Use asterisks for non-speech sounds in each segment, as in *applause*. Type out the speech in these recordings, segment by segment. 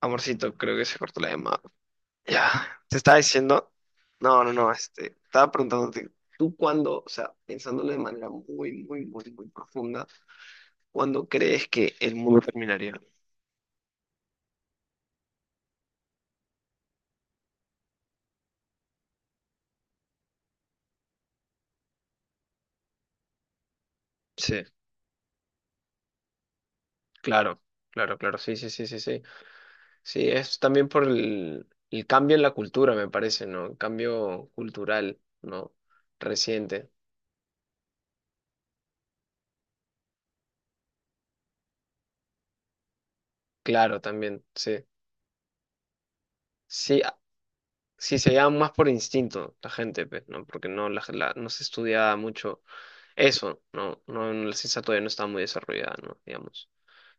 Amorcito, creo que se cortó la llamada. Ya, te estaba diciendo. No, no, no, estaba preguntándote, ¿tú cuándo, o sea, pensándolo de manera muy, muy, muy, muy profunda, cuándo crees que el mundo terminaría? Sí, claro, claro, claro, sí, sí, sí, sí, sí. Sí, es también por el cambio en la cultura, me parece, ¿no? El cambio cultural, ¿no? Reciente. Claro, también, sí. Sí, sí se llama más por instinto la gente, pues, ¿no? Porque no, no se estudia mucho. Eso, no, no, no, la ciencia todavía no está muy desarrollada, ¿no? Digamos.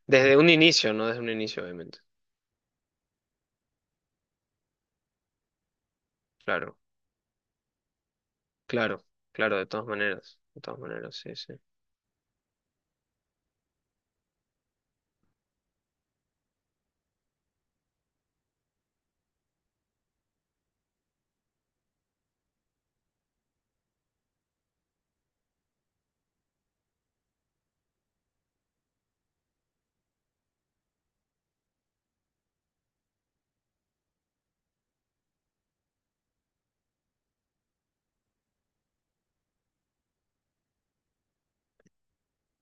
Desde un inicio, no desde un inicio, obviamente. Claro, claro, claro, de todas maneras, sí, sí.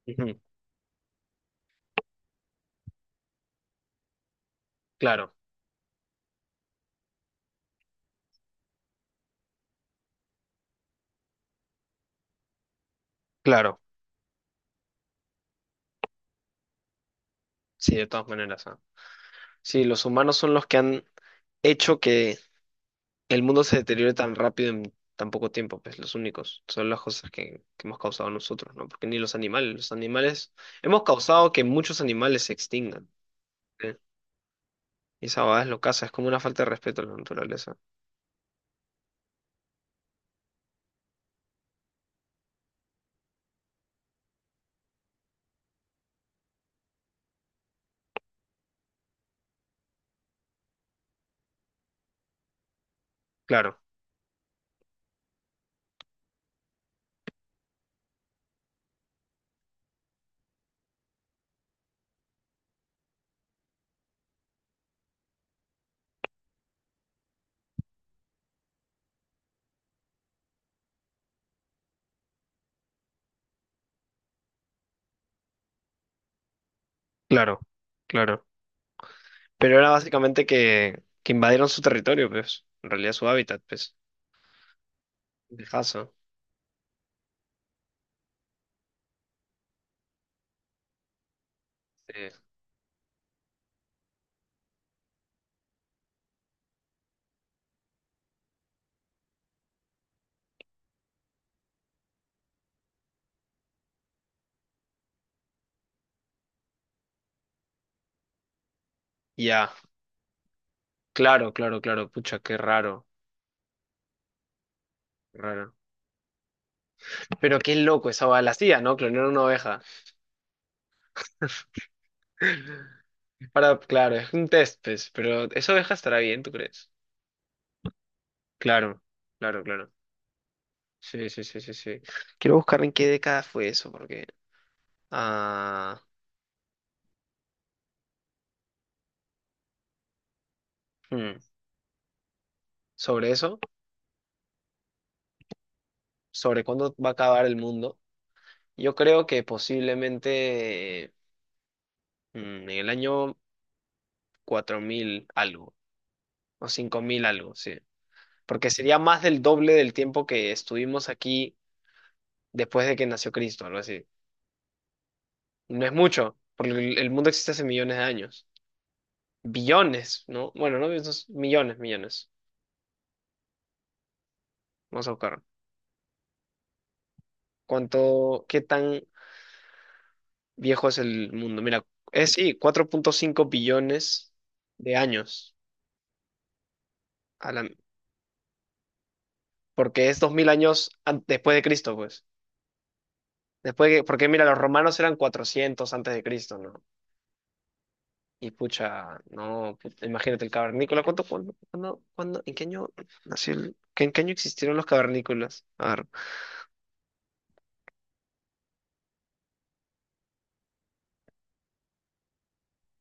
Ujú. Claro, claro, sí, de todas maneras. Ah. Sí, los humanos son los que han hecho que el mundo se deteriore tan rápido en tan poco tiempo, pues los únicos, son las cosas que hemos causado nosotros, ¿no? Porque ni los animales, los animales, hemos causado que muchos animales se extingan, ¿eh? Y esa va es lo casa, es como una falta de respeto a la naturaleza. Claro. Claro, claro. Pero era básicamente que invadieron su territorio, pues. En realidad su hábitat, pues. Dejazo. Eh, ya, claro, claro, claro. Pucha, qué raro, qué raro. Pero qué loco esa oveja. La hacía, ¿no? Clonar una oveja. *laughs* Para, claro, es un test, pues. Pero esa oveja estará bien, ¿tú crees? Claro, claro, claro. Sí, sí, sí, sí, sí. Quiero buscar en qué década fue eso, porque... Ah, hmm, sobre eso, sobre cuándo va a acabar el mundo. Yo creo que posiblemente en el año 4000 algo o 5000 algo, sí. Porque sería más del doble del tiempo que estuvimos aquí después de que nació Cristo, algo así. No es mucho, porque el mundo existe hace millones de años. Billones, ¿no? Bueno, no, esos millones, millones. Vamos a buscar. ¿Cuánto, qué tan viejo es el mundo? Mira, es sí, 4.5 billones de años. a la- Porque es 2000 años después de Cristo, pues. Después que, porque mira, los romanos eran 400 antes de Cristo, ¿no? Y pucha, no, imagínate el cavernícola. ¿Cuánto, cuándo, cuándo, en qué año nació el, en qué año existieron los cavernícolas? A ver,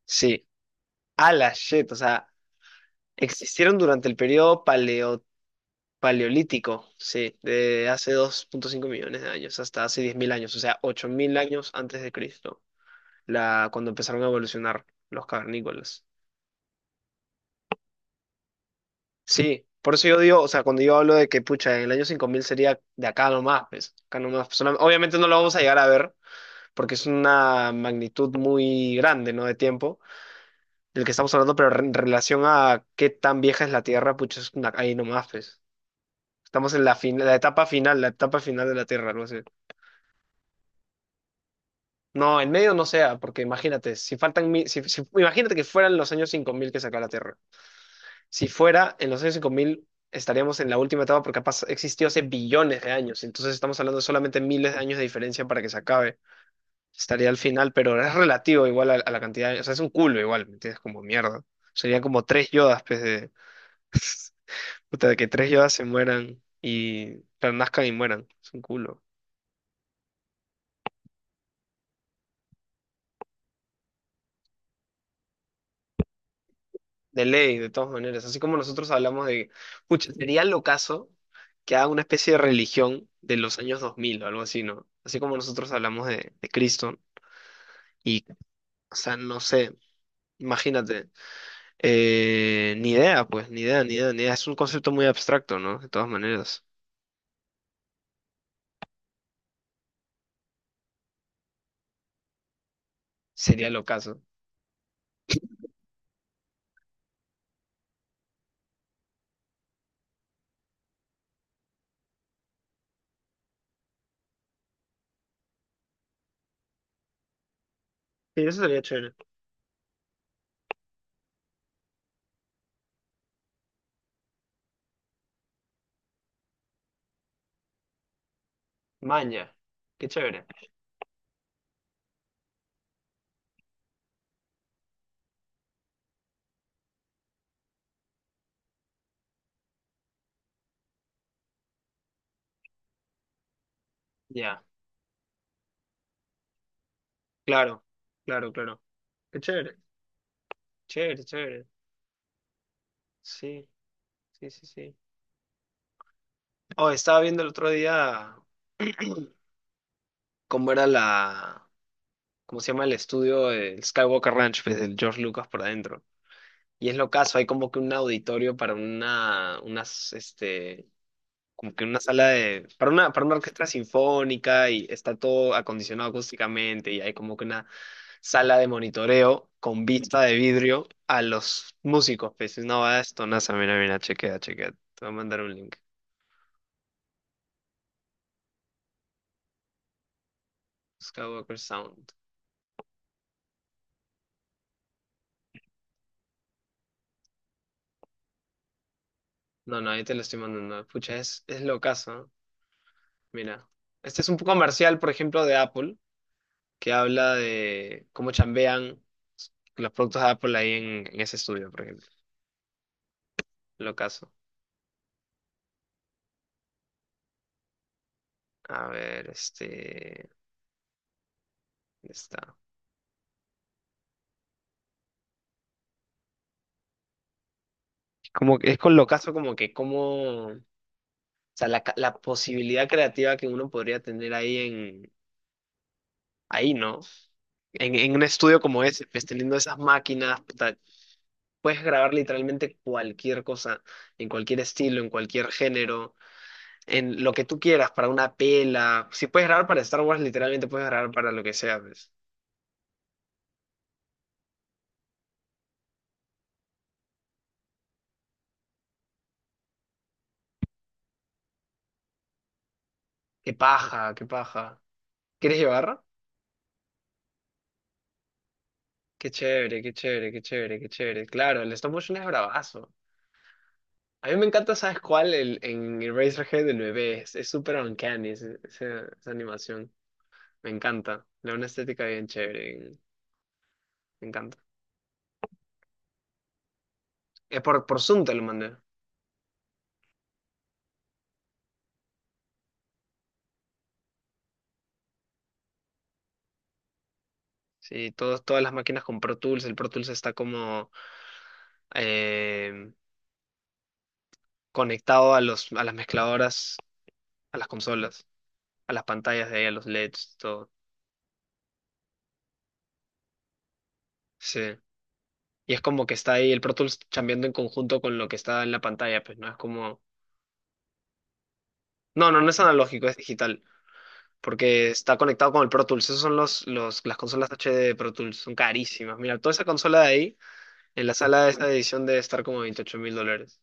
sí, a la shit, o sea, existieron durante el periodo paleolítico, sí, de hace 2.5 millones de años hasta hace 10,000 años, o sea, 8000 años antes de Cristo, la, cuando empezaron a evolucionar los cavernícolas. Sí, por eso yo digo, o sea, cuando yo hablo de que, pucha, el año 5000 sería de acá nomás. Pues, obviamente no lo vamos a llegar a ver, porque es una magnitud muy grande, ¿no? De tiempo, del que estamos hablando, pero en relación a qué tan vieja es la Tierra, pucha, es una, ahí nomás, pues. Estamos en la, la etapa final de la Tierra, algo así. No, en medio no sea, porque imagínate, si faltan, si, imagínate que fueran los años 5000 que saca la Tierra. Si fuera en los años 5000 estaríamos en la última etapa porque ha existió hace billones de años. Entonces estamos hablando de solamente miles de años de diferencia para que se acabe. Estaría al final, pero es relativo igual a la cantidad de... O sea, es un culo igual, ¿me entiendes? Como mierda. Serían como tres yodas, pues, de, puta, de que tres yodas se mueran y... Pero nazcan y mueran. Es un culo. De ley, de todas maneras. Así como nosotros hablamos de... Pucha, sería lo caso que haga una especie de religión de los años 2000 o algo así, ¿no? Así como nosotros hablamos de Cristo. Y, o sea, no sé, imagínate. Ni idea, pues, ni idea, ni idea, ni idea. Es un concepto muy abstracto, ¿no? De todas maneras. Sería lo caso. Sí, eso sería chévere. Maña. Qué chévere. Ya. Claro, claro, claro. Qué chévere. Chévere, chévere. Sí, sí, sí, sí. Oh, estaba viendo el otro día *clears throat* cómo era cómo se llama el estudio, el Skywalker Ranch, pues el George Lucas por adentro. Y es lo caso, hay como que un auditorio para una, unas, como que una sala de, para una orquesta sinfónica y está todo acondicionado acústicamente y hay como que una sala de monitoreo con vista de vidrio a los músicos. Pues no va esto, nasa, mira, mira, chequea, chequea. Te voy a mandar un link. Skywalker Sound. No, no, ahí te lo estoy mandando. Pucha, es locazo, ¿no? Mira. Este es un comercial, por ejemplo, de Apple, que habla de cómo chambean los productos de Apple ahí en ese estudio, por ejemplo. Locazo. A ver, este. Está. Como que es con lo caso como que como, o sea, la, la posibilidad creativa que uno podría tener ahí en, ahí, ¿no? En un estudio como ese, pues teniendo esas máquinas, puta, puedes grabar literalmente cualquier cosa, en cualquier estilo, en cualquier género, en lo que tú quieras, para una pela. Si puedes grabar para Star Wars, literalmente puedes grabar para lo que sea, pues. Qué paja, qué paja. ¿Quieres llevar? Qué chévere, qué chévere, qué chévere, qué chévere. Claro, el stop motion es bravazo. A mí me encanta, ¿sabes cuál? El, en Eraserhead, el bebé. Es súper uncanny esa animación. Me encanta. Le da una estética bien chévere. Me encanta. Es por Zoom te lo mandé. Sí, todos, todas las máquinas con Pro Tools. El Pro Tools está como eh, conectado a los, a las mezcladoras, a las consolas, a las pantallas de ahí, a los LEDs, todo. Sí. Y es como que está ahí el Pro Tools chambeando en conjunto con lo que está en la pantalla, pues no es como... No, no, no es analógico, es digital. Porque está conectado con el Pro Tools. Esos son las consolas HD de Pro Tools, son carísimas. Mira, toda esa consola de ahí, en la sala de esta edición debe estar como $28,000.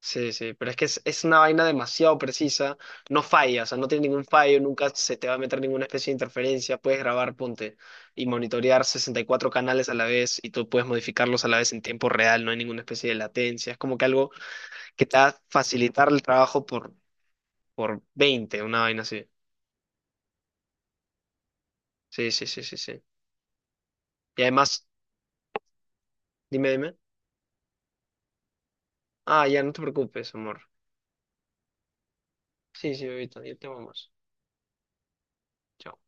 Sí, sí, pero es que es una vaina demasiado precisa, no falla, o sea, no tiene ningún fallo, nunca se te va a meter ninguna especie de interferencia, puedes grabar, ponte, y monitorear 64 canales a la vez y tú puedes modificarlos a la vez en tiempo real, no hay ninguna especie de latencia, es como que algo que te va a facilitar el trabajo por, 20 una vaina así. Sí, sí, sí, sí, sí. Y además dime, dime. Ah, ya no te preocupes, amor. Sí, sí, ahorita, ya te vamos. Chao.